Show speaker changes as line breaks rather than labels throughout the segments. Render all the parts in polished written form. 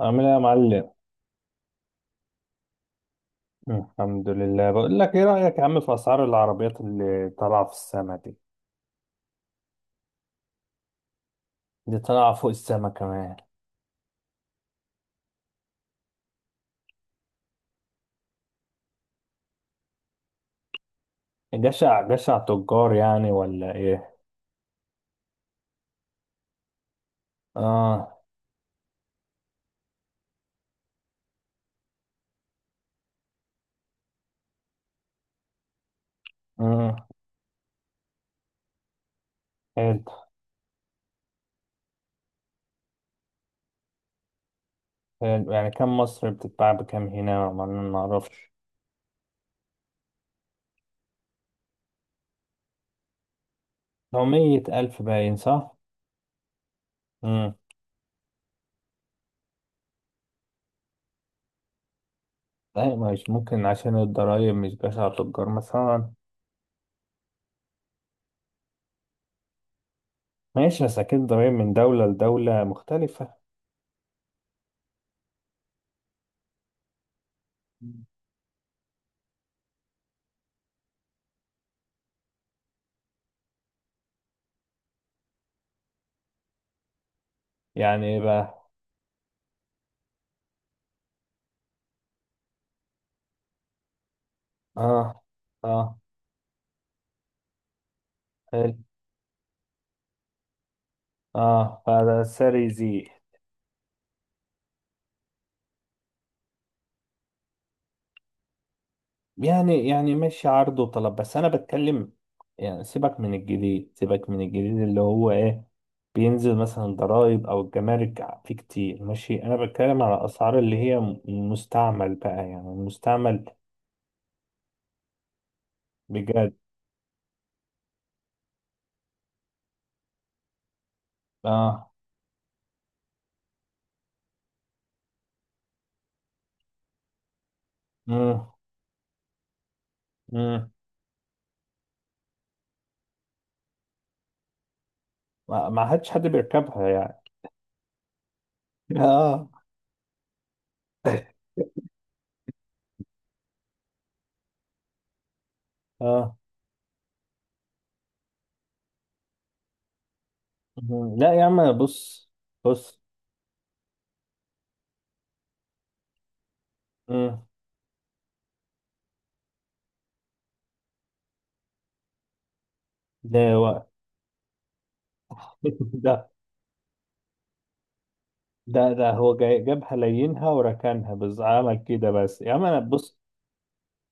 عامل ايه يا معلم؟ الحمد لله. بقول لك ايه رأيك يا عم في اسعار العربيات اللي طالعه في السما دي؟ دي طالعه فوق السما كمان. جشع جشع تجار يعني ولا ايه؟ اه. اه. حلو. حلو، يعني كم مصر بتتباع بكم هنا ما نعرفش. لو مية ألف باين صح. امم. لا، مش ممكن عشان الضرايب، مش جشع تجار مثلا. ماشي، بس اكيد الضرايب من دولة لدولة مختلفة. يعني بقى. اه، اه. حلو. اه، هذا ساري زي. يعني ماشي عرض وطلب، بس انا بتكلم. يعني سيبك من الجديد، سيبك من الجديد، اللي هو ايه؟ بينزل مثلا الضرايب او الجمارك فيه كتير. ماشي، انا بتكلم على اسعار اللي هي مستعمل بقى، يعني المستعمل. بجد. اه. امم. امم. ما حدش بيركبها يعني. اه. اه. مم. لا يا عم، بص. بص. مم. ده وقت. ده هو جاي جابها لينها وركنها بس، عمل كده بس. يا عم انا بص.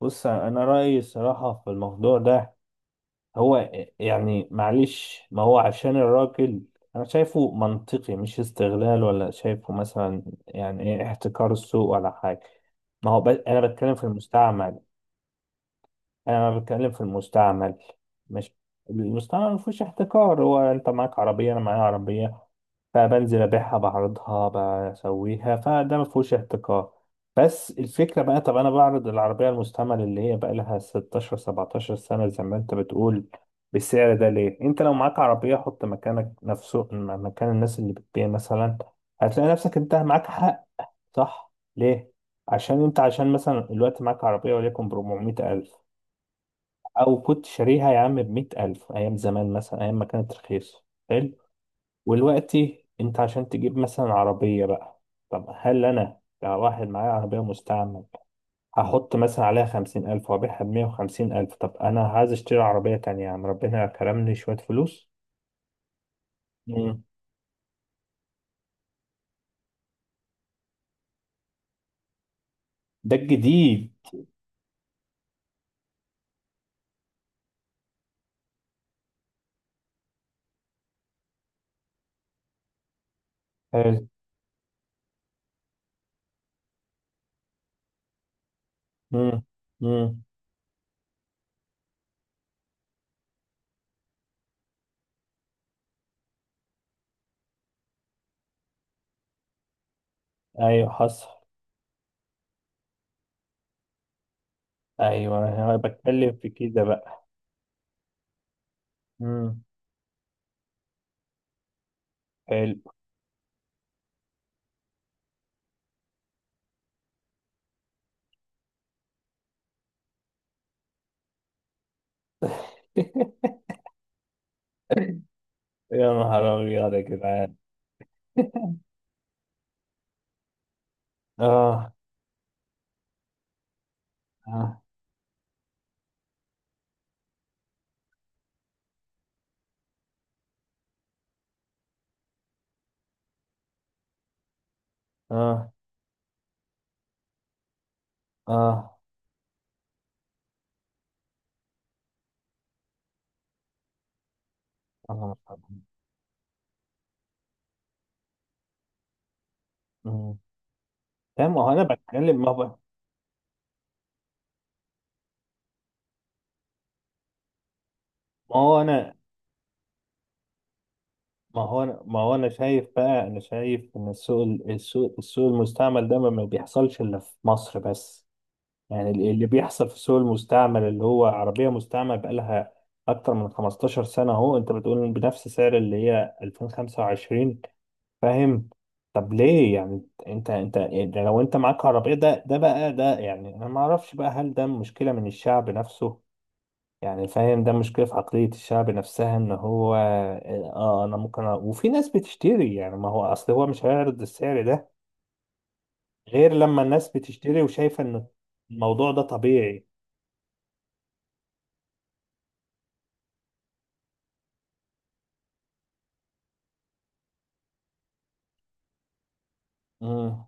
بص، انا رأيي الصراحة في الموضوع ده هو، يعني معلش ما هو عشان الراجل. انا شايفه منطقي، مش استغلال، ولا شايفه مثلا يعني ايه، احتكار السوق ولا حاجة. ما هو انا بتكلم في المستعمل. انا بتكلم في المستعمل. مش، المستعمل ما فيهوش احتكار. هو انت معاك عربيه، انا معايا عربيه، فبنزل ابيعها بعرضها، بسويها، فده ما فيهوش احتكار. بس الفكره بقى، طب انا بعرض العربيه المستعمل اللي هي بقى لها 16 17 سنه زي ما انت بتقول، بالسعر ده ليه؟ انت لو معاك عربيه، حط مكانك نفسه مكان الناس اللي بتبيع مثلا، هتلاقي نفسك انت معاك حق. صح ليه؟ عشان انت، عشان مثلا الوقت معاك عربيه وليكن ب 400000، او كنت شاريها يا عم بمئة ألف ايام زمان، مثلا ايام ما كانت رخيصة. حلو. ودلوقتي انت عشان تجيب مثلا عربية بقى، طب هل انا كواحد معايا عربية مستعمل هحط مثلا عليها خمسين ألف وأبيعها بمية وخمسين ألف؟ طب أنا عايز أشتري عربية تانية يعني، ربنا كرمني شوية فلوس. مم. ده الجديد. حلو. مم. مم. أيوة حصل. أيوة، أنا بتكلم في كده بقى. مم. حلو. يا نهار أبيض يا جدعان! آه. آه. اه. اه. اللهم صل على النبي. مم. تمام، ما هو انا بتكلم. ما هو ما هو انا ما هو انا ما هو انا شايف بقى، انا شايف ان السوق السوق المستعمل ده ما بيحصلش الا في مصر بس. يعني اللي بيحصل في السوق المستعمل، اللي هو عربية مستعمل بقالها اكتر من 15 سنة، اهو انت بتقول بنفس سعر اللي هي 2025. فاهم؟ طب ليه؟ يعني انت، انت يعني لو انت معاك عربية، ده ده بقى ده يعني انا ما اعرفش بقى، هل ده مشكلة من الشعب نفسه؟ يعني فاهم، ده مشكلة في عقلية الشعب نفسها ان هو اه، انا ممكن وفي ناس بتشتري يعني، ما هو اصل هو مش هيعرض السعر ده غير لما الناس بتشتري وشايفة ان الموضوع ده طبيعي. امم.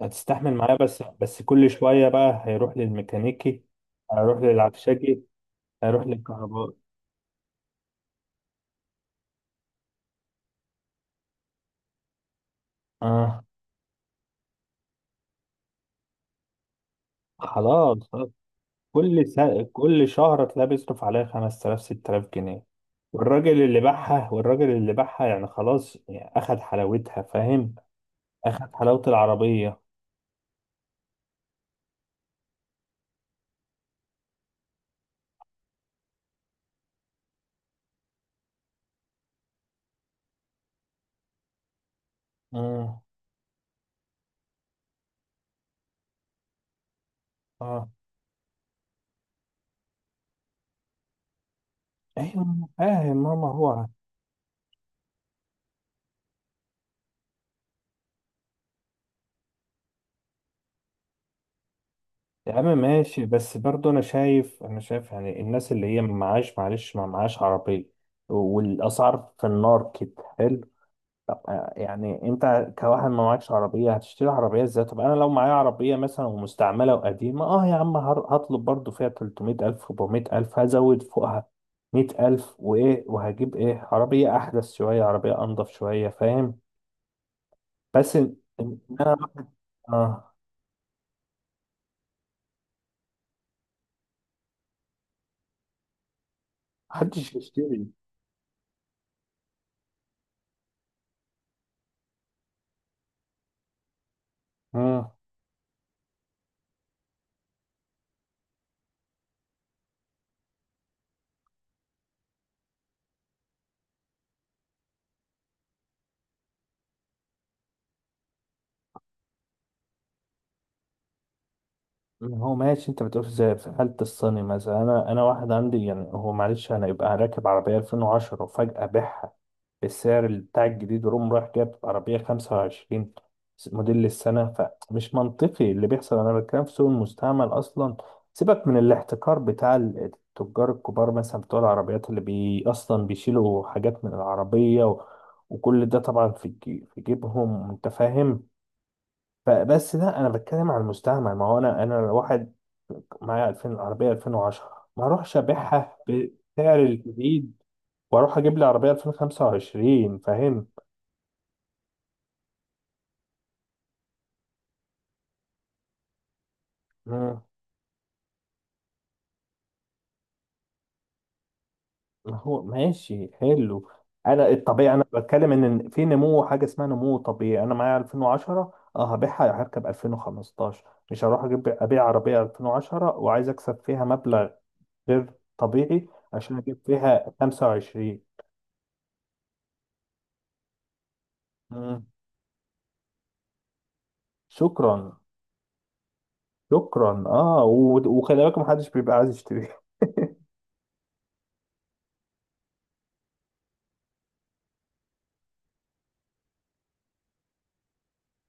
هتستحمل معاه، بس بس كل شوية بقى هيروح للميكانيكي. هيروح للعفشاجي. هيروح للكهربائي. اه. خلاص خلاص. كل شهر تلاقيه بيصرف عليها 5000 6000 جنيه. والراجل اللي باعها، والراجل اللي باعها، يعني خلاص يعني اخد حلاوتها فاهم، اخد حلاوة العربية. اه. اه. ايوه أنا فاهم، ماما هو. يا عم ماشي، بس برضه انا شايف، انا شايف يعني الناس اللي هي ما معاش، معلش ما معاش عربية، والاسعار في النار كده. حلو. طب آه، يعني انت كواحد ما معكش عربية هتشتري عربية ازاي؟ طب انا لو معايا عربية مثلا ومستعملة وقديمة اه يا عم، هطلب برضه فيها 300 الف 400 الف، هزود فوقها 100 الف، وايه، وهجيب ايه عربية احدث شوية، عربية انضف شوية، فاهم؟ بس ان، إن انا آه. محدش بيشتري. اه، هو ماشي انت بتقول زي في حالة الصيني مثلا. انا واحد عندي يعني هو، معلش انا يبقى راكب عربية 2010 وفجأة بيعها بالسعر بتاع الجديد، روم رايح جاب عربية خمسة وعشرين، موديل السنة، فمش منطقي اللي بيحصل. أنا بتكلم في سوق المستعمل أصلا. سيبك من الاحتكار بتاع التجار الكبار، مثلا بتوع العربيات، اللي بي أصلا بيشيلوا حاجات من العربية وكل ده طبعا في في جيبهم أنت فاهم. فبس ده أنا بتكلم على المستعمل. ما هو أنا، لو واحد معايا 2000 العربية 2010 ما أروحش أبيعها بسعر الجديد واروح اجيب لي عربيه 2025 فاهم. مم. ما هو ماشي، حلو. انا الطبيعي انا بتكلم، ان في نمو، حاجه اسمها نمو طبيعي. انا معايا 2010 اه هبيعها هركب 2015. مش هروح اجيب ابيع عربيه 2010 وعايز اكسب فيها مبلغ غير طبيعي عشان اجيب فيها 25. مم. شكرا. شكرا. اه، وخلي بالك محدش بيبقى عايز يشتري.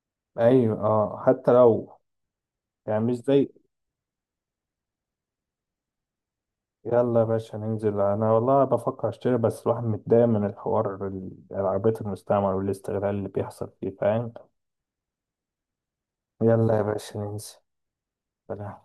ايوه، اه حتى لو، يعني مش زي. يلا يا باشا ننزل، انا والله بفكر اشتري، بس الواحد متضايق من الحوار، العربيات المستعمل والاستغلال اللي بيحصل فيه فاهم. يلا يا باشا ننزل. سلام.